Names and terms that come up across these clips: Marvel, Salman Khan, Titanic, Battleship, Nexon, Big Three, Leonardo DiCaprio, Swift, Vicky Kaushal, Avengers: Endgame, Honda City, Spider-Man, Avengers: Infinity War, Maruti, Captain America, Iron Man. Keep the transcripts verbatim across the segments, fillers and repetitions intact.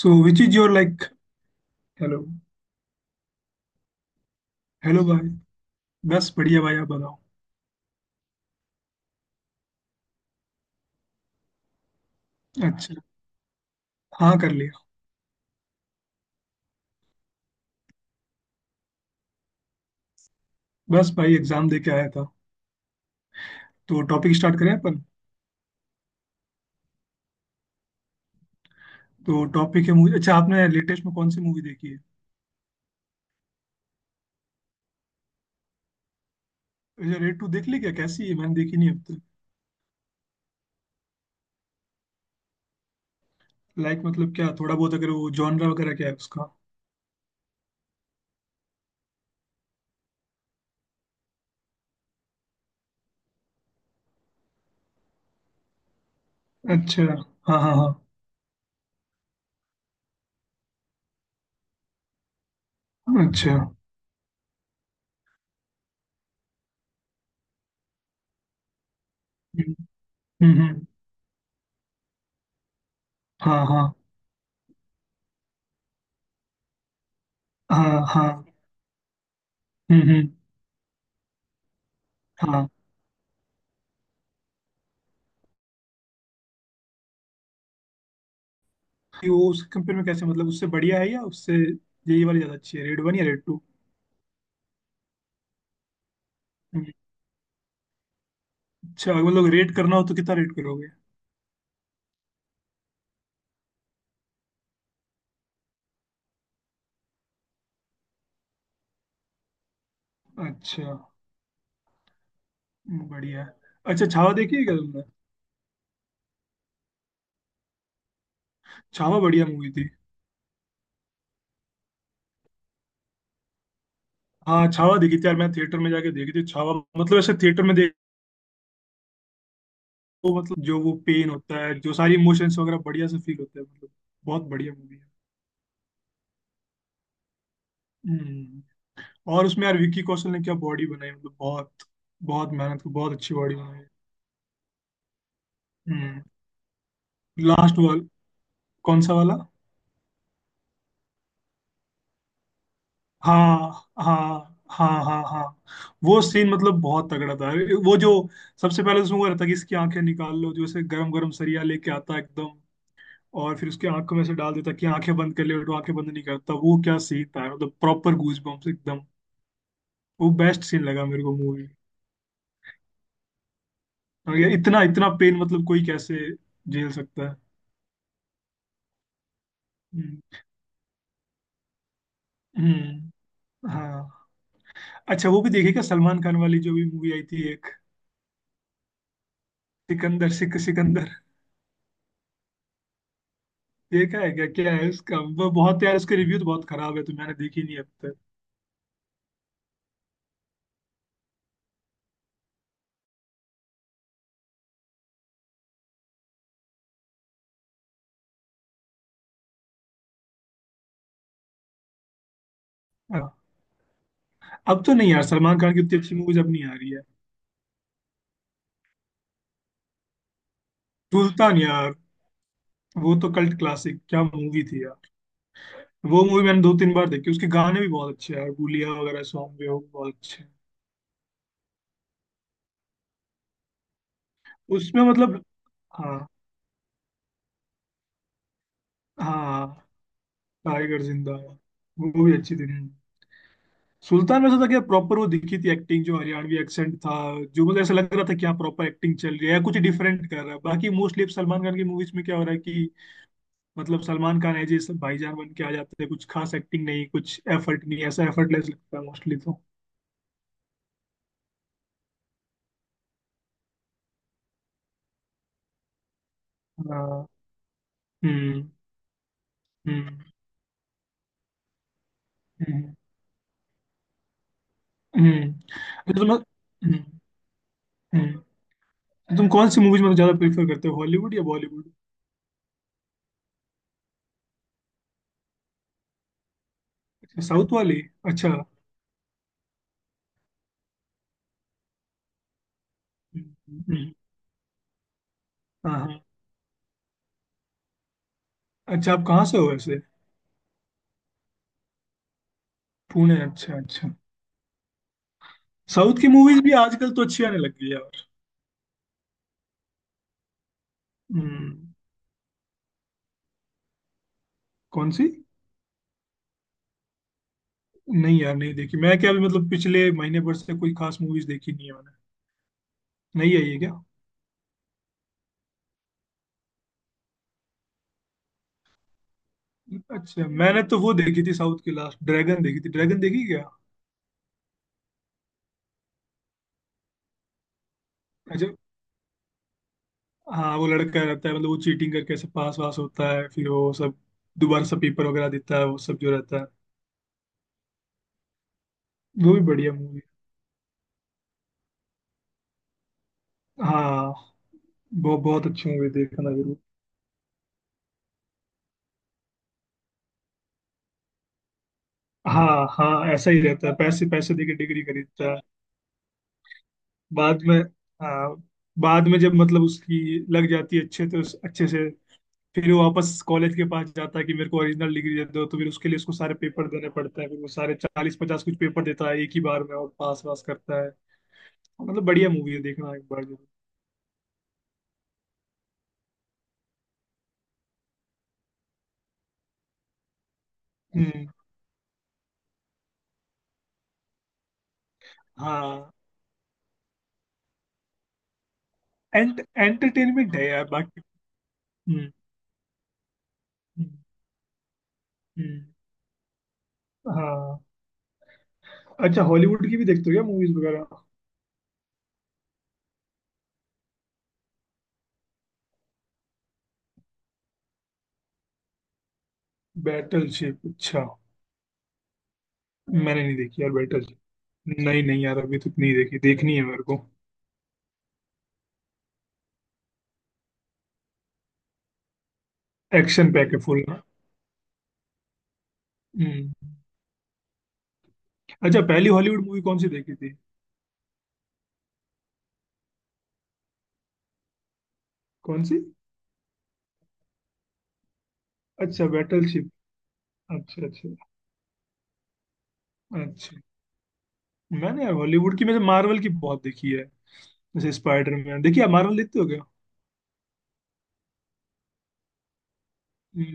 So which is your like. Hello. Hello भाई। बस बढ़िया भाई, आप बताओ। अच्छा। हाँ, कर लिया। बस भाई, एग्जाम दे के आया था। तो टॉपिक स्टार्ट करें अपन? तो टॉपिक है मूवी। अच्छा, आपने लेटेस्ट में कौन सी मूवी देखी? है, रेड टू देख ली क्या? कैसी है? मैंने देखी नहीं अब तक। लाइक मतलब क्या, थोड़ा बहुत अगर वो जॉनरा वगैरह क्या है उसका? अच्छा। हाँ हाँ हाँ। अच्छा। हम्म हम्म हम्म, हाँ हाँ हाँ हाँ। हम्म हम्म। हाँ। वो उसके कंपेयर में कैसे, मतलब उससे बढ़िया है या उससे यही वाली ज्यादा अच्छी है, रेड वन या रेड टू? अच्छा, अगर लोग रेट करना हो तो कितना रेट करोगे? अच्छा। बढ़िया। अच्छा, छावा देखी है क्या तुमने? छावा बढ़िया मूवी थी। हाँ, छावा देखी थी यार, मैं थिएटर में जाके देखी थी छावा, मतलब ऐसे थिएटर में देखो। मतलब जो वो पेन होता है, जो सारी इमोशंस वगैरह बढ़िया से फील होते हैं मतलब। बहुत बढ़िया मूवी है। हम्म। और उसमें यार विक्की कौशल ने क्या बॉडी बनाई, मतलब बहुत बहुत मेहनत की, बहुत अच्छी बॉडी बनाई है। हम्म। लास्ट वाल, कौन सा वाला? हाँ हाँ हाँ हाँ हाँ। वो सीन मतलब बहुत तगड़ा था। वो जो सबसे पहले तो उसमें वो रहता कि इसकी आंखें निकाल लो, जो ऐसे गरम गरम सरिया लेके आता है एकदम। और फिर उसकी आंखों में से डाल देता कि आंखें बंद कर ले, और वो आंखें बंद नहीं करता। वो क्या सीन था, मतलब प्रॉपर गूज बम्प्स एकदम। वो बेस्ट सीन लगा मेरे को मूवी। और ये इतना इतना पेन मतलब कोई कैसे झेल सकता है? हम्म हम्म, हाँ। अच्छा, वो भी देखेगा सलमान खान वाली जो भी मूवी आई थी एक, सिकंदर, सिक सिकंदर। देखा है क्या, क्या है उसका? वो बहुत यार, उसके रिव्यू तो बहुत खराब है, तो मैंने देखी नहीं अब तक। हाँ। अब तो नहीं यार, सलमान खान की उतनी अच्छी मूवीज अब नहीं आ रही है। सुल्तान यार, वो तो कल्ट क्लासिक क्या मूवी थी यार। वो मूवी मैंने दो तीन बार देखी, उसके गाने भी बहुत अच्छे हैं यार, गुलिया वगैरह सॉन्ग भी हो बहुत अच्छे हैं। उसमें मतलब, हाँ। हाँ, टाइगर जिंदा है, वो भी अच्छी थी। हम्म। सुल्तान में ऐसा था क्या, प्रॉपर वो दिखी थी एक्टिंग, जो हरियाणवी एक्सेंट था, जो मतलब ऐसा लग रहा था क्या, प्रॉपर एक्टिंग चल रही है या कुछ डिफरेंट कर रहा है? बाकी मोस्टली सलमान खान की मूवीज में क्या हो रहा है कि मतलब सलमान खान है जैसे, भाईजान बन के आ जाते हैं, कुछ खास एक्टिंग नहीं, कुछ एफर्ट नहीं, ऐसा एफर्टलेस लगता है मोस्टली तो। हाँ, हम्म हम्म हम्म। हम्म। अच्छा, तो तुम, हम्म, हम्म। तो तुम कौन सी मूवीज मतलब ज्यादा प्रेफर करते हो, हॉलीवुड या बॉलीवुड? अच्छा, साउथ वाली। अच्छा, हम्म, हम्म, हम्म। हाँ हाँ। अच्छा, आप कहाँ से हो वैसे? पुणे, अच्छा अच्छा। साउथ की मूवीज भी आजकल तो अच्छी आने लग गई है यार। हम्म। कौन सी? नहीं यार, नहीं देखी मैं क्या, अभी मतलब पिछले महीने भर से कोई खास मूवीज देखी नहीं है मैंने। नहीं आई है क्या? अच्छा, मैंने तो वो देखी थी साउथ की लास्ट, ड्रैगन देखी थी। ड्रैगन देखी क्या? अच्छा। हाँ, वो लड़का रहता है मतलब, वो चीटिंग करके ऐसे पास वास होता है, फिर वो सब दोबारा से पेपर वगैरह देता है, वो सब जो रहता है। वो भी बढ़िया मूवी। हाँ, बहुत बहुत अच्छी मूवी, देखना जरूर। हाँ हाँ, ऐसा ही रहता है, पैसे पैसे देके डिग्री खरीदता है। बाद में, हाँ, बाद में जब मतलब उसकी लग जाती है अच्छे, तो उस- अच्छे से फिर वो वापस कॉलेज के पास जाता है कि मेरे को ओरिजिनल डिग्री दे दो, तो फिर उसके लिए उसको सारे पेपर देने पड़ते हैं। फिर वो सारे चालीस पचास कुछ पेपर देता है एक ही बार में और पास वास करता है। मतलब बढ़िया मूवी है, देखना एक बार जरूर। हम्म। हाँ, एंट एंटरटेनमेंट है यार बाकी। हम्म हम्म हम्म, हाँ। अच्छा, हॉलीवुड की भी देखते हो क्या मूवीज वगैरह? बैटलशिप, अच्छा। मैंने नहीं देखी यार बैटलशिप। नहीं नहीं यार, अभी तक नहीं देखी, देखनी है मेरे को। एक्शन पैक है फुल ना। हम्म। अच्छा, पहली हॉलीवुड मूवी कौन सी देखी थी? कौन सी? अच्छा, बैटलशिप। अच्छा अच्छा। अच्छा, मैंने यार हॉलीवुड की में मार्वल की बहुत देखी है, जैसे स्पाइडरमैन। देखिए, आप मार्वल देखते हो क्या?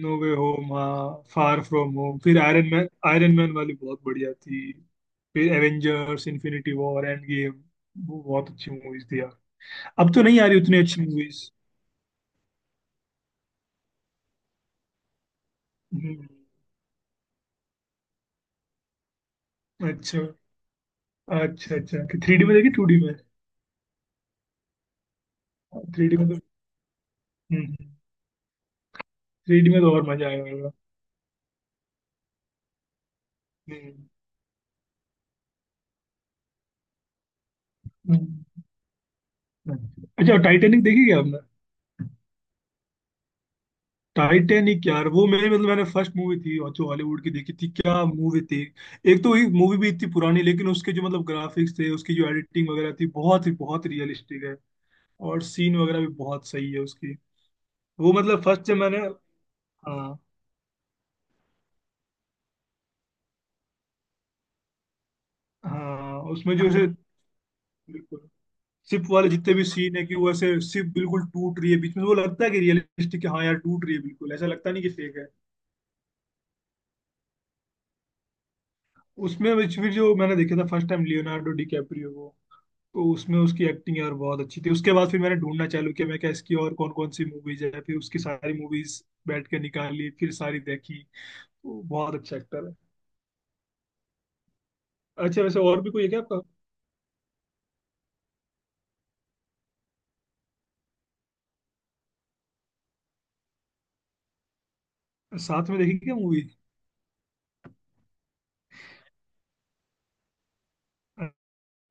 नो वे होम, हाँ, फार फ्रॉम होम, फिर आयरन मैन, आयरन मैन वाली बहुत बढ़िया थी। फिर Avengers Infinity War, Endgame, वो बहुत अच्छी मूवीज थी यार। अब तो नहीं आ रही उतनी अच्छी मूवीज। अच्छा अच्छा। अच्छा, थ्री डी में देखी टू डी में? थ्री डी में तो, थ्री डी में तो और मजा आएगा। हम्म, हम्म। हम्म। अच्छा, टाइटेनिक देखी क्या? टाइटैनिक यार, वो मेरी मतलब, मैंने फर्स्ट मूवी थी और जो हॉलीवुड की देखी थी क्या मूवी थी। एक तो ये मूवी भी इतनी पुरानी, लेकिन उसके जो मतलब ग्राफिक्स थे, उसकी जो एडिटिंग वगैरह थी, बहुत ही बहुत रियलिस्टिक है। और सीन वगैरह भी बहुत सही है उसकी। वो मतलब फर्स्ट जब मैंने, हाँ। हाँ उसमें जो ऐसे बिल्कुल शिप वाले जितने भी सीन है कि वो ऐसे शिप बिल्कुल टूट रही है बीच में, तो वो लगता है कि रियलिस्टिक है, हाँ यार टूट रही है बिल्कुल, ऐसा लगता नहीं कि फेक है। उसमें which भी जो मैंने देखा था फर्स्ट टाइम, लियोनार्डो डिकैप्रियो को, तो उसमें उसकी एक्टिंग यार बहुत अच्छी थी। उसके बाद फिर मैंने ढूंढना चालू किया मैं क्या, इसकी और कौन कौन सी मूवीज है, फिर उसकी सारी मूवीज बैठ के निकाल ली, फिर सारी देखी। वो बहुत अच्छा एक्टर है। अच्छा, वैसे और भी कोई है क्या आपका साथ में, देखी क्या मूवी?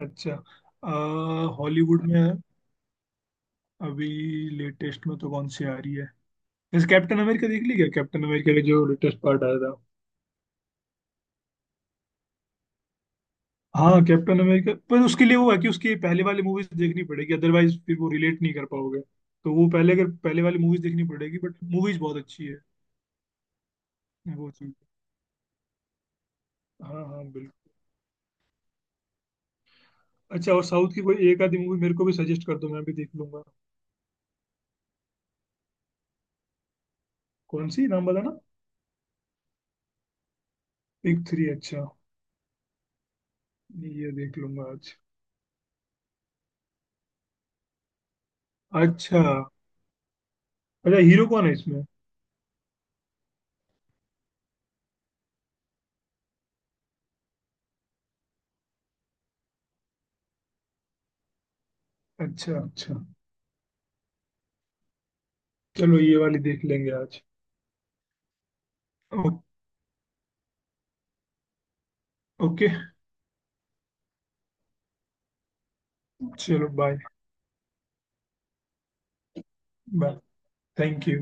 अच्छा, हॉलीवुड में है अभी लेटेस्ट में तो कौन सी आ रही है? जैसे कैप्टन अमेरिका, देख ली क्या कैप्टन अमेरिका का जो लेटेस्ट पार्ट आया था? हाँ कैप्टन अमेरिका, पर उसके लिए वो है कि उसकी पहले वाली मूवीज देखनी पड़ेगी, अदरवाइज फिर वो रिलेट नहीं कर पाओगे। तो वो पहले, अगर पहले वाली मूवीज देखनी पड़ेगी, बट मूवीज बहुत अच्छी है। वो चीज, हाँ हाँ बिल्कुल। अच्छा, और साउथ की कोई एक आधी मूवी मेरे को भी सजेस्ट कर दो, मैं भी देख लूंगा। कौन सी, नाम बताना। बिग थ्री, अच्छा। ये देख लूंगा आज। अच्छा। अच्छा, हीरो कौन है इसमें? अच्छा अच्छा, चलो ये वाली देख लेंगे आज। Oh, okay. चलो बाय। बाय। Thank you.